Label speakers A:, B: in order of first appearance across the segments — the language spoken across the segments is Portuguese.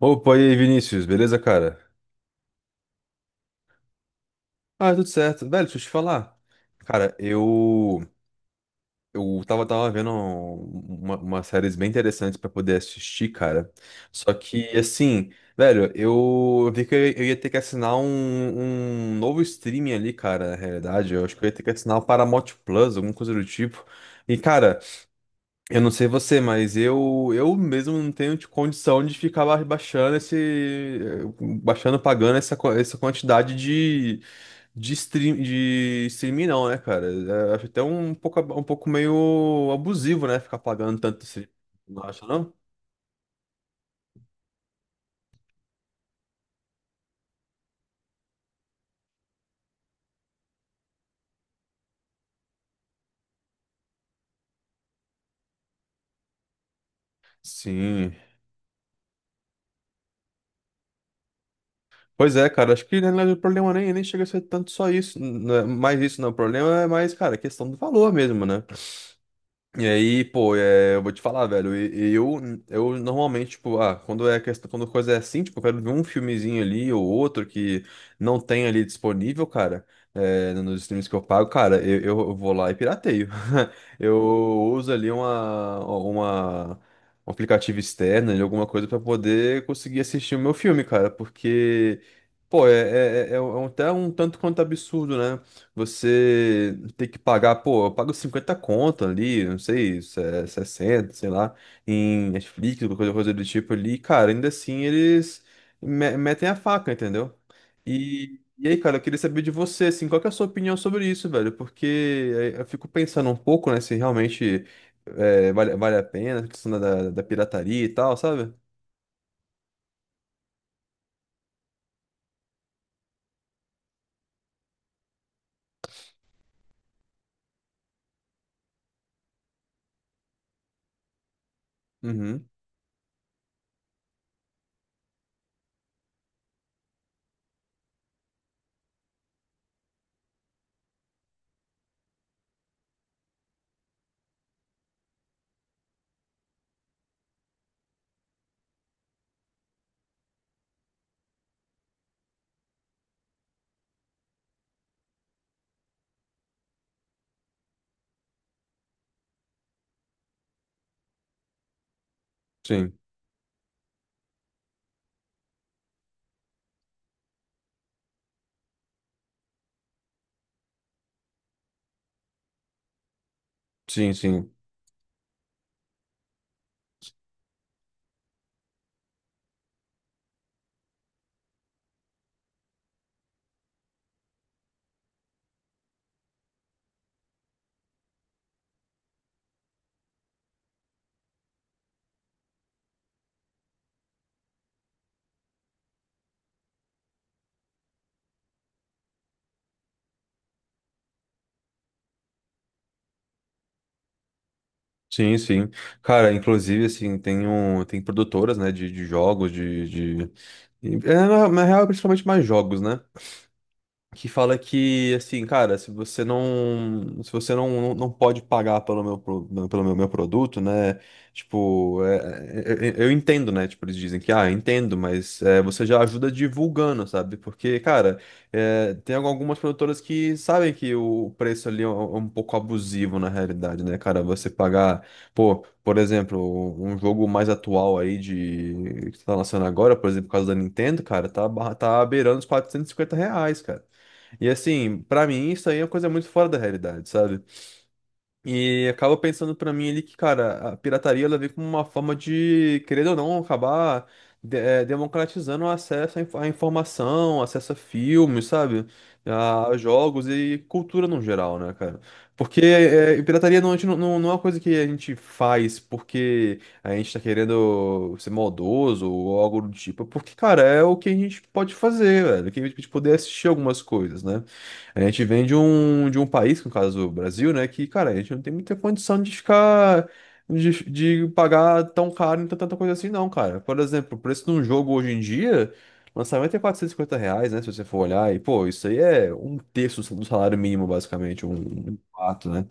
A: Opa, e aí, Vinícius, beleza, cara? Ah, tudo certo. Velho, deixa eu te falar. Cara, eu tava vendo umas séries bem interessantes pra poder assistir, cara. Só que, assim, velho, eu vi que eu ia ter que assinar um novo streaming ali, cara, na realidade. Eu acho que eu ia ter que assinar o Paramount Plus, alguma coisa do tipo. E, cara, eu não sei você, mas eu mesmo não tenho de condição de ficar baixando esse baixando pagando essa, essa quantidade de stream de streaming não, né, cara? É, acho até um pouco um pouco meio abusivo, né, ficar pagando tanto assim. Não acha não? Sim. Pois é, cara, acho que na verdade o problema nem chega a ser tanto só isso, não é mais isso não, o problema é mais, cara, a questão do valor mesmo, né? E aí, pô, é, eu vou te falar, velho, e eu normalmente, tipo, ah, quando é questão, quando coisa é assim, tipo, eu quero ver um filmezinho ali ou outro que não tem ali disponível, cara, é, nos streams que eu pago, cara, eu, eu vou lá e pirateio. Eu uso ali um aplicativo externo, ali, alguma coisa pra poder conseguir assistir o meu filme, cara, porque, pô, é até um tanto quanto absurdo, né? Você tem que pagar, pô, eu pago 50 conto ali, não sei, 60, sei lá, em Netflix, alguma coisa, coisa do tipo ali, cara, ainda assim eles metem a faca, entendeu? E aí, cara, eu queria saber de você, assim, qual que é a sua opinião sobre isso, velho? Porque eu fico pensando um pouco, né, se realmente vale a pena, a questão da, da pirataria e tal, sabe? Uhum. Sim, sim, sim. Sim, sim. Cara, inclusive, assim, tem, um, tem produtoras, né, de jogos, de... É, na, na real, principalmente mais jogos, né? Que fala que, assim, cara, se você não pode pagar pelo meu, pelo meu, produto, né? Tipo, eu entendo, né? Tipo, eles dizem que, ah, entendo, mas é, você já ajuda divulgando, sabe? Porque, cara, é, tem algumas produtoras que sabem que o preço ali é é um pouco abusivo na realidade, né, cara? Você pagar, pô, por exemplo, um jogo mais atual aí de que tá lançando agora, por exemplo, por causa da Nintendo, cara, tá, tá beirando os R$ 450, cara. E assim, pra mim isso aí é uma coisa muito fora da realidade, sabe? E acaba pensando pra mim ali que, cara, a pirataria ela vem como uma forma de, querendo ou não, acabar democratizando o acesso à à informação, acesso a filmes, sabe? A jogos e cultura no geral, né, cara? Porque pirataria não, a gente não não é uma coisa que a gente faz porque a gente tá querendo ser maldoso ou algo do tipo. É porque, cara, é o que a gente pode fazer, velho. Que a gente poder assistir algumas coisas, né? A gente vem de um país, que no caso é o Brasil, né? Que, cara, a gente não tem muita condição de ficar. De pagar tão caro em tanta coisa assim, não, cara. Por exemplo, o preço de um jogo hoje em dia, lançamento é R$ 450, né? Se você for olhar, e pô, isso aí é um terço do salário mínimo, basicamente, um quarto, né?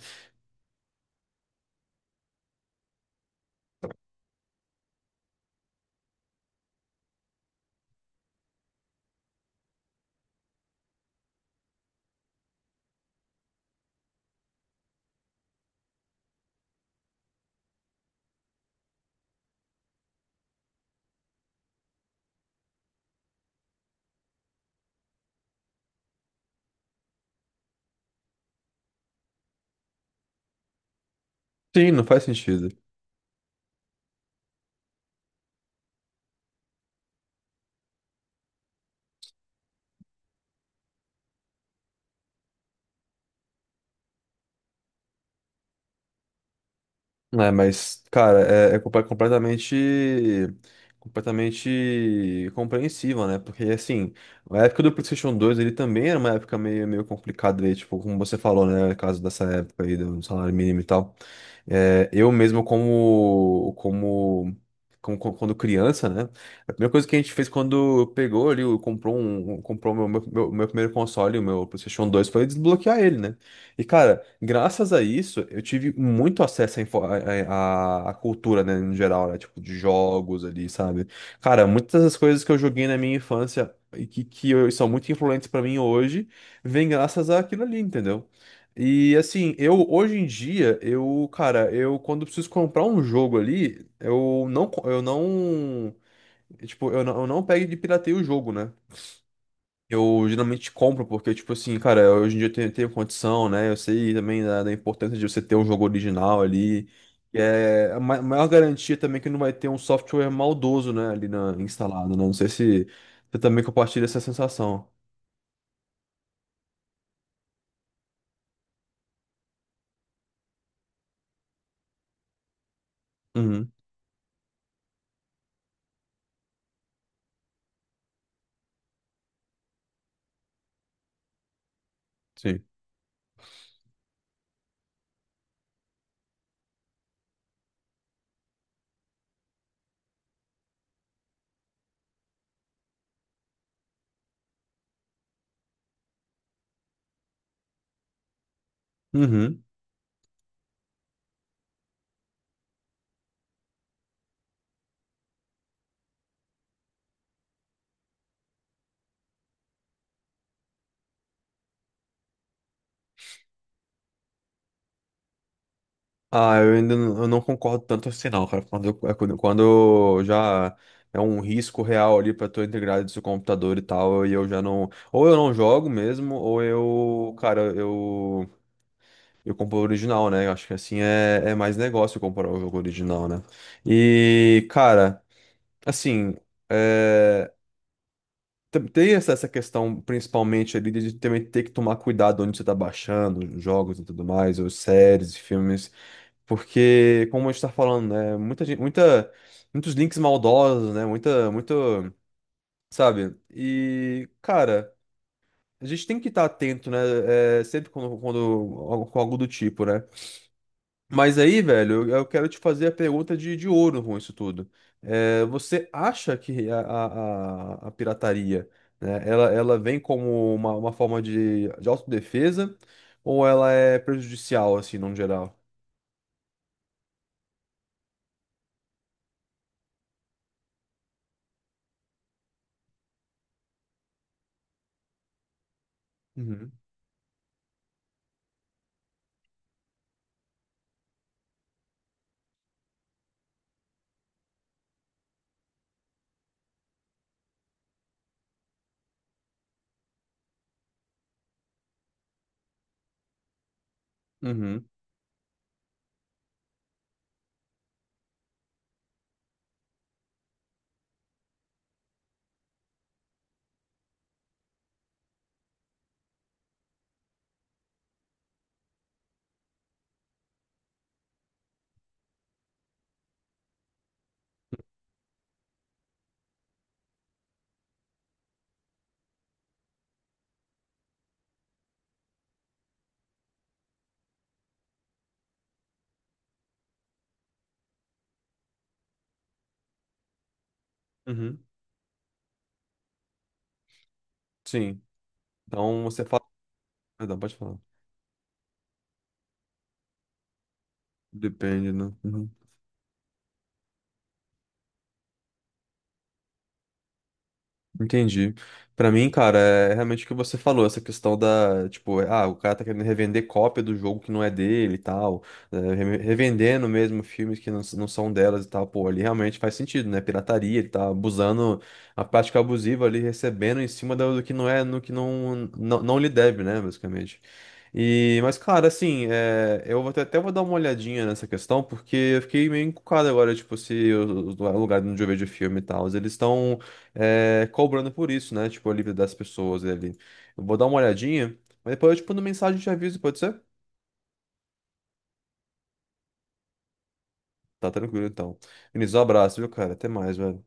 A: Sim, não faz sentido. É, mas, cara, é, é completamente, completamente compreensível, né? Porque, assim, a época do PlayStation 2 ele também era uma época meio complicada, aí, tipo, como você falou, né? No caso dessa época aí do salário mínimo e tal. É, eu mesmo quando criança, né? A primeira coisa que a gente fez quando pegou ali, comprou um, comprou meu primeiro console, o meu PlayStation 2 foi desbloquear ele, né? E cara, graças a isso, eu tive muito acesso à, à cultura, né, no geral, né? Tipo, de jogos ali, sabe? Cara, muitas das coisas que eu joguei na minha infância e que, são muito influentes pra mim hoje, vem graças àquilo ali, entendeu? E assim, eu hoje em dia, eu, cara, eu quando preciso comprar um jogo ali, eu não, tipo, eu não pego e pirateio o jogo, né? Eu geralmente compro porque, tipo assim, cara, hoje em dia eu tenho, tenho condição, né? Eu sei também da, da importância de você ter um jogo original ali. E é a maior garantia também é que não vai ter um software maldoso, né, ali na, instalado, né? Não sei se você também compartilha essa sensação. Uhum, sim. Uhum. Ah, eu ainda não, eu não concordo tanto assim, não, cara. Quando, quando já é um risco real ali pra tua integridade do seu computador e tal, e eu já não. Ou eu não jogo mesmo, ou eu. Cara, eu. Eu compro o original, né? Eu acho que assim é, é mais negócio comprar o jogo original, né? E, cara, assim. É, tem essa questão, principalmente ali, de também ter que tomar cuidado onde você está baixando os jogos e tudo mais, ou séries e filmes, porque, como a gente tá falando, né, muitos links maldosos, né, sabe? E, cara, a gente tem que estar atento, né, é, sempre quando, com algo do tipo, né? Mas aí, velho, eu quero te fazer a pergunta de ouro com isso tudo. Você acha que a pirataria, né, ela vem como uma forma de autodefesa ou ela é prejudicial, assim, no geral? Uhum, uhum, uhum. Sim. Então você fala. Perdão, pode falar. Depende, né? Entendi. Pra mim, cara, é realmente o que você falou, essa questão da, tipo, ah, o cara tá querendo revender cópia do jogo que não é dele e tal, é, revendendo mesmo filmes que não, não são delas e tal, pô, ali realmente faz sentido, né? Pirataria, ele tá abusando, a prática abusiva ali, recebendo em cima do que não é, no que não lhe deve, né, basicamente. E, mas, cara, assim, é, eu vou até vou dar uma olhadinha nessa questão, porque eu fiquei meio encucado agora, tipo, se o, o lugar onde eu vejo filme e tal, eles estão é, cobrando por isso, né? Tipo, a livre das pessoas ali. Eu vou dar uma olhadinha, mas depois eu te mando mensagem e te aviso, pode ser? Tá tranquilo, então. Vinícius, um abraço, viu, cara? Até mais, velho.